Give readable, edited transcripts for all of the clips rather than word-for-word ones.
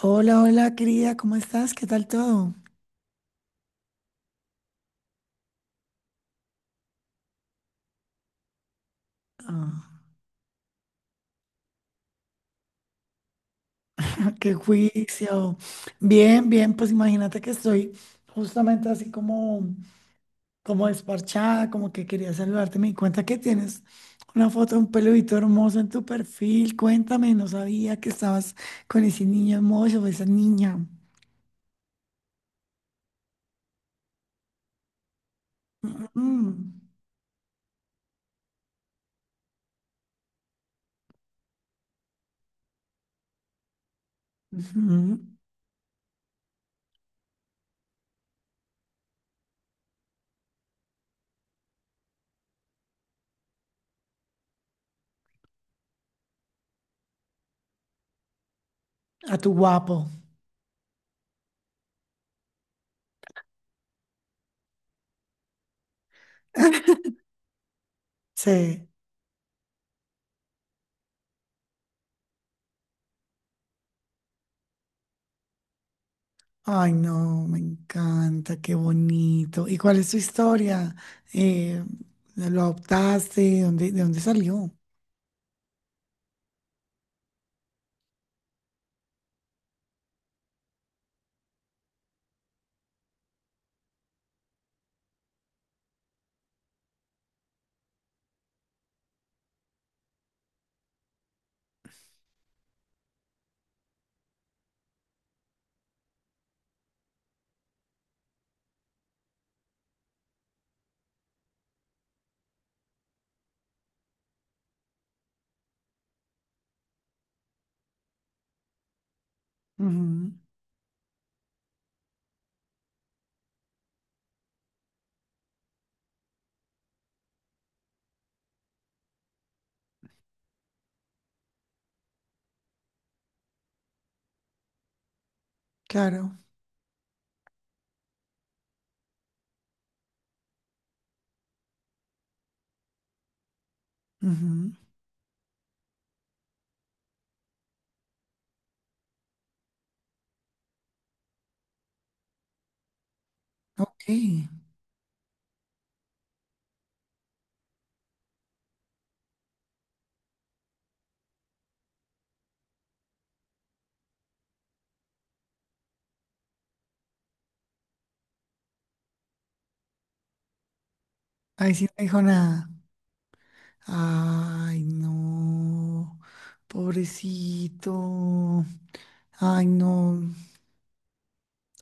Hola, hola, querida, ¿cómo estás? ¿Qué tal todo? Ah, qué juicio. Bien, bien, pues imagínate que estoy justamente así como desparchada, como que quería saludarte. Me di cuenta que tienes una foto de un peludito hermoso en tu perfil. Cuéntame, no sabía que estabas con ese niño hermoso, o esa niña. Mm, ujú. A tu guapo. Sí. Ay, no, me encanta, qué bonito. ¿Y cuál es tu historia? Eh, ¿Lo adoptaste? ¿De dónde salió? Ujú, claro. Ujú. Ok. Ahí sí no dijo nada. Ay, no. Pobrecito. Ay, no.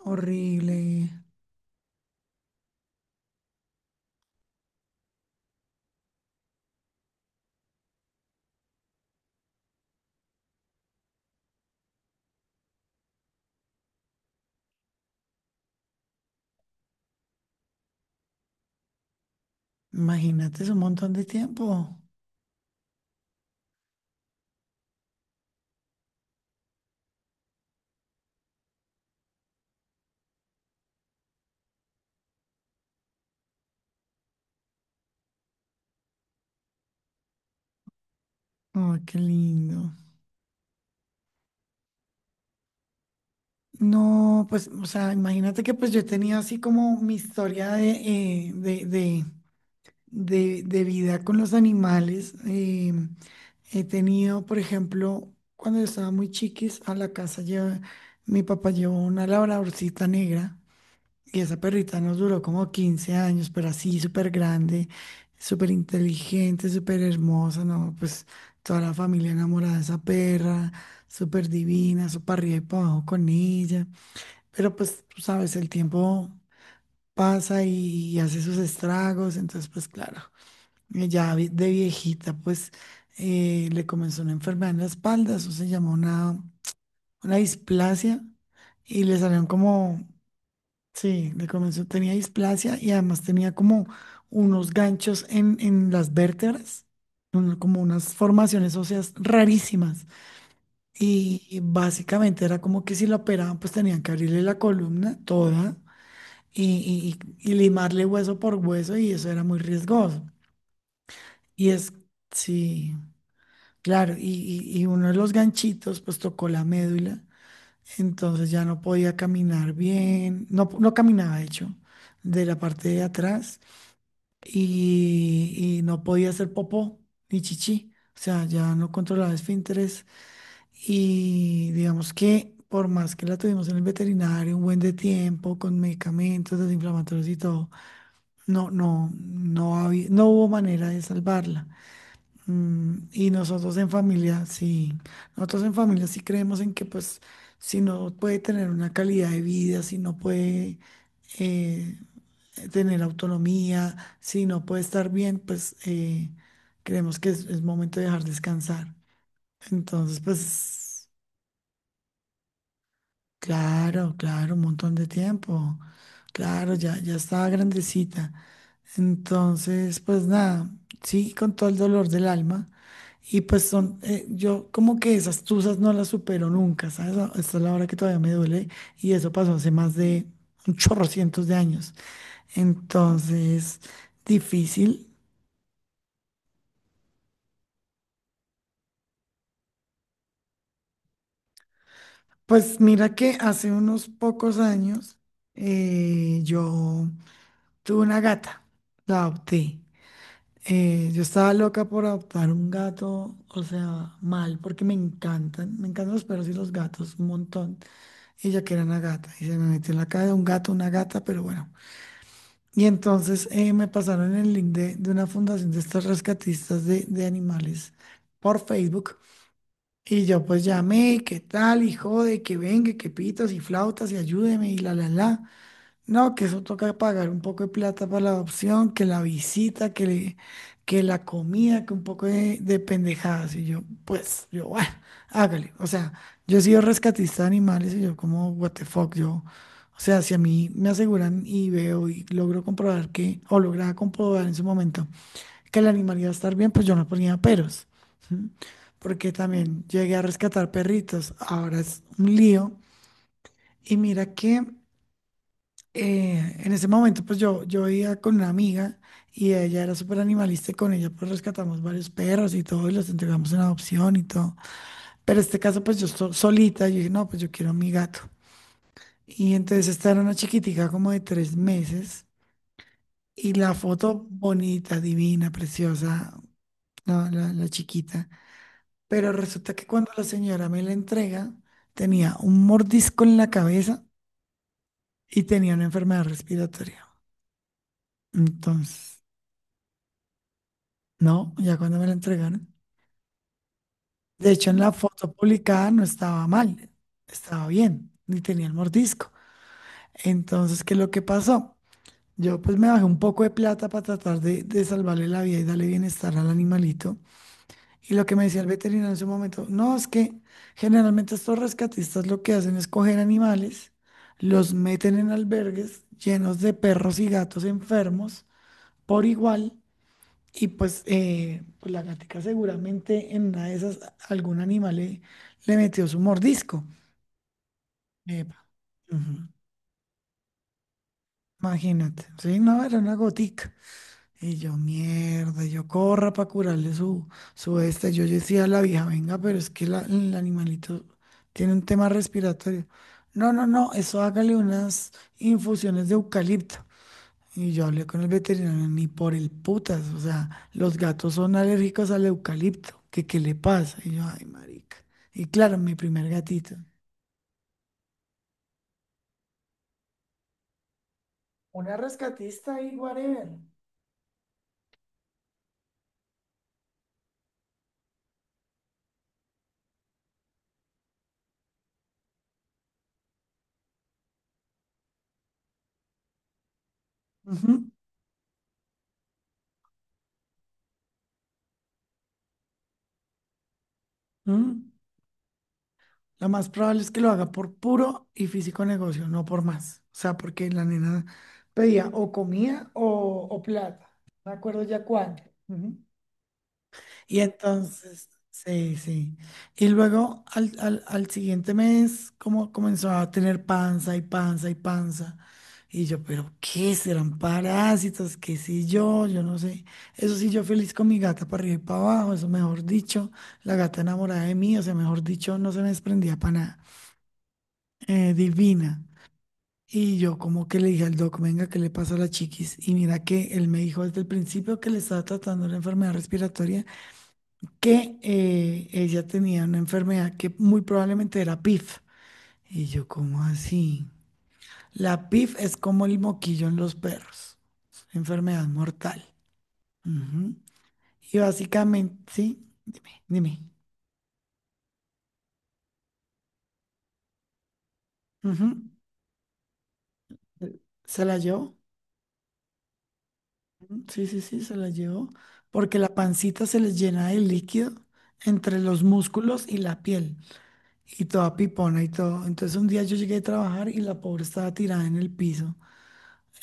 Horrible. Imagínate, es un montón de tiempo. Ay, qué lindo. No, pues, o sea, imagínate que pues yo he tenido así como mi historia eh, de, de, de vida con los animales. He tenido, por ejemplo, cuando yo estaba muy chiquis, a la casa lleva, mi papá llevó una labradorcita negra y esa perrita nos duró como 15 años, pero así súper grande, súper inteligente, súper hermosa, ¿no? Pues toda la familia enamorada de esa perra, súper divina, súper arriba y para abajo con ella. Pero pues tú sabes, el tiempo pasa y hace sus estragos, entonces pues claro, de viejita pues le comenzó una enfermedad en la espalda, eso se llamó una displasia y le salieron como, sí, le comenzó, tenía displasia y además tenía como unos ganchos en las vértebras, como unas formaciones óseas rarísimas. Y básicamente era como que si la operaban, pues tenían que abrirle la columna toda y, y limarle hueso por hueso y eso era muy riesgoso. Y es, sí, claro, y, y uno de los ganchitos pues tocó la médula, entonces ya no podía caminar bien, no, no caminaba de hecho, de la parte de atrás y no podía hacer popó ni chichi, o sea, ya no controlaba esfínteres y digamos que. Por más que la tuvimos en el veterinario un buen de tiempo, con medicamentos desinflamatorios y todo, no, no, no había, no hubo manera de salvarla. Y nosotros en familia sí creemos en que pues si no puede tener una calidad de vida, si no puede eh, tener autonomía, si no puede estar bien, pues creemos que es momento de dejar descansar. Entonces, pues, claro, claro, un montón de tiempo. Claro, ya estaba grandecita. Entonces, pues nada, sí, con todo el dolor del alma. Y pues yo como que esas tusas no las supero nunca, ¿sabes? A- esta es la hora que todavía me duele y eso pasó hace más de un chorro cientos de años. Entonces, difícil. Pues mira que hace unos pocos años yo tuve una gata, la adopté. Yo estaba loca por adoptar un gato, o sea, mal, porque me encantan los perros y los gatos, un montón. Ella que era una gata, y se me metió en la cabeza un gato, una gata, pero bueno. Y entonces me pasaron el link de una fundación de estos rescatistas de animales por Facebook. Y yo pues llamé, ¿qué tal? Y jode, que venga, que pitos y flautas y ayúdeme y la, la, la. No, que eso toca pagar un poco de plata para la adopción, que la visita, que la comida, que un poco de pendejadas. Y yo, bueno, hágale. O sea, yo he sido rescatista de animales y yo como, what the fuck, yo, o sea, si a mí me aseguran y veo y logro comprobar que, o lograba comprobar en su momento que el animal iba a estar bien, pues yo no ponía peros. ¿Sí? Porque también llegué a rescatar perritos. Ahora es un lío. Y mira que en ese momento, pues yo iba con una amiga y ella era súper animalista y con ella pues rescatamos varios perros y todo y los entregamos en adopción y todo. Pero este caso, pues yo solita, yo dije, no, pues yo quiero a mi gato. Y entonces esta era una chiquitica como de 3 meses y la foto bonita, divina, preciosa, la chiquita. Pero resulta que cuando la señora me la entrega, tenía un mordisco en la cabeza y tenía una enfermedad respiratoria. Entonces. No, ya cuando me la entregaron. De hecho, en la foto publicada no estaba mal, estaba bien, ni tenía el mordisco. Entonces, ¿qué es lo que pasó? Yo pues me bajé un poco de plata para tratar de salvarle la vida y darle bienestar al animalito. Y lo que me decía el veterinario en ese momento, no, es que generalmente estos rescatistas lo que hacen es coger animales, los meten en albergues llenos de perros y gatos enfermos por igual. Y pues, pues la gatica seguramente en una de esas algún animal le metió su mordisco. Epa. Ujú. Imagínate. Sí, no, era una gotica. Y yo, mierda, yo corra para curarle su este. Yo decía a la vieja, venga, pero es que el animalito tiene un tema respiratorio. No, no, no, eso hágale unas infusiones de eucalipto. Y yo hablé con el veterinario, ni por el putas, o sea, los gatos son alérgicos al eucalipto, ¿que qué le pasa? Y yo, ay, marica. Y claro, mi primer gatito. Una rescatista y whatever. Ujú, ujú. Lo más probable es que lo haga por puro y físico negocio, no por más. O sea, porque la nena pedía o comida o plata. No me acuerdo ya cuánto. Ujú. Y entonces, sí, sí. Y luego al siguiente mes, como comenzó a tener panza y panza y panza. Y yo, pero ¿qué serán parásitos? ¿Qué sé yo? Yo no sé. Eso sí, yo feliz con mi gata para arriba y para abajo, eso mejor dicho, la gata enamorada de mí, o sea, mejor dicho, no se me desprendía para nada. Divina. Y yo como que le dije al doc, venga, ¿qué le pasa a la chiquis? Y mira que él me dijo desde el principio que le estaba tratando la enfermedad respiratoria que ella tenía una enfermedad que muy probablemente era PIF. Y yo, ¿cómo así? La PIF es como el moquillo en los perros, es una enfermedad mortal. Ujú. Y básicamente, sí, dime. Ujú. Se la llevó, sí, sí, sí, se la llevó, porque la pancita se les llena de líquido entre los músculos y la piel, y toda pipona y todo. Entonces un día yo llegué a trabajar y la pobre estaba tirada en el piso.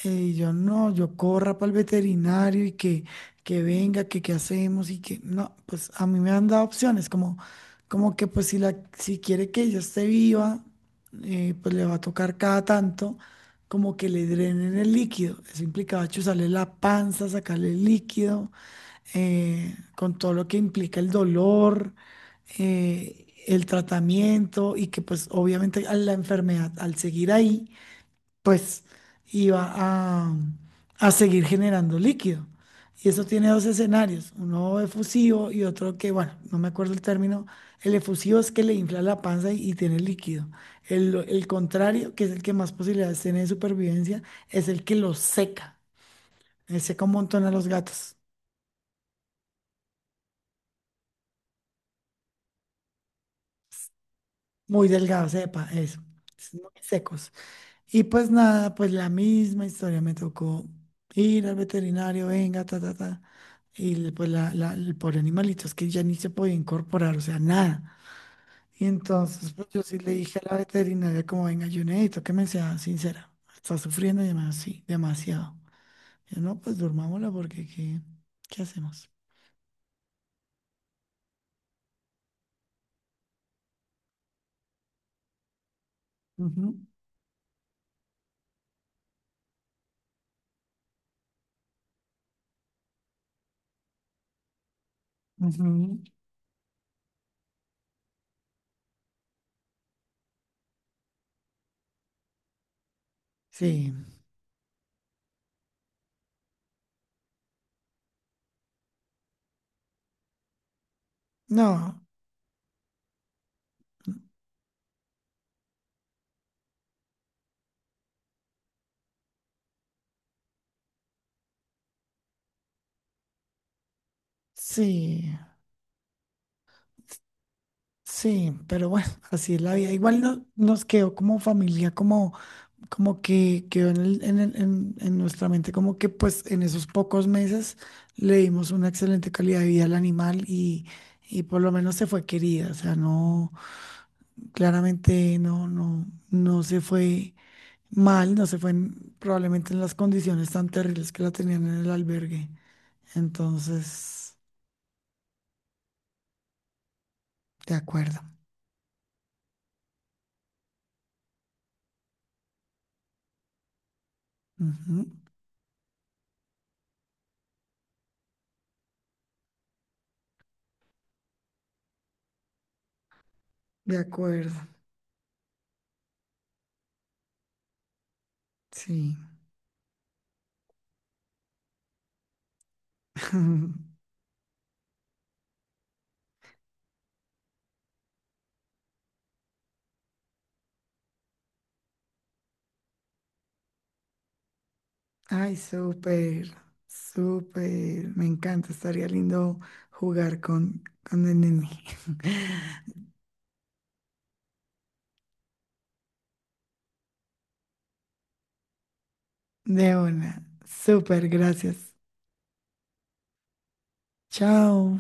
Y yo no, yo corra para el veterinario y que, venga, que qué hacemos y que no, pues a mí me han dado opciones como, como que pues si, la, si quiere que ella esté viva, pues le va a tocar cada tanto como que le drenen el líquido. Eso implicaba chuzarle la panza, sacarle el líquido, con todo lo que implica el dolor, el tratamiento y que pues obviamente a la enfermedad al seguir ahí pues iba a seguir generando líquido. Y eso tiene dos escenarios, uno efusivo y otro que, bueno, no me acuerdo el término, el efusivo es que le infla la panza y tiene líquido. El contrario, que es el que más posibilidades tiene de supervivencia, es el que lo seca. Seca un montón a los gatos, muy delgados, sepa, eso, es muy secos. Y pues nada, pues la misma historia, me tocó ir al veterinario, venga, ta, ta, ta. Pues el pobre animalito es que ya ni se podía incorporar, o sea, nada. Y entonces pues yo sí le dije a la veterinaria como, venga, yo necesito que me sea sincera, está sufriendo demasiado, sí, demasiado. Yo, no, pues durmámosla porque ¿qué, hacemos? Ujú, ujú. Sí, no, sí. Sí, pero bueno, así es la vida. Igual nos quedó como familia, como que quedó en nuestra mente, como que pues en esos pocos meses le dimos una excelente calidad de vida al animal y por lo menos se fue querida, o sea, no, claramente no, no, no se fue mal, no se fue probablemente en las condiciones tan terribles que la tenían en el albergue. Entonces, de acuerdo. Ujú, de acuerdo, sí. Ay, súper, súper. Me encanta. Estaría lindo jugar con el nene. De una. Súper, gracias. Chao.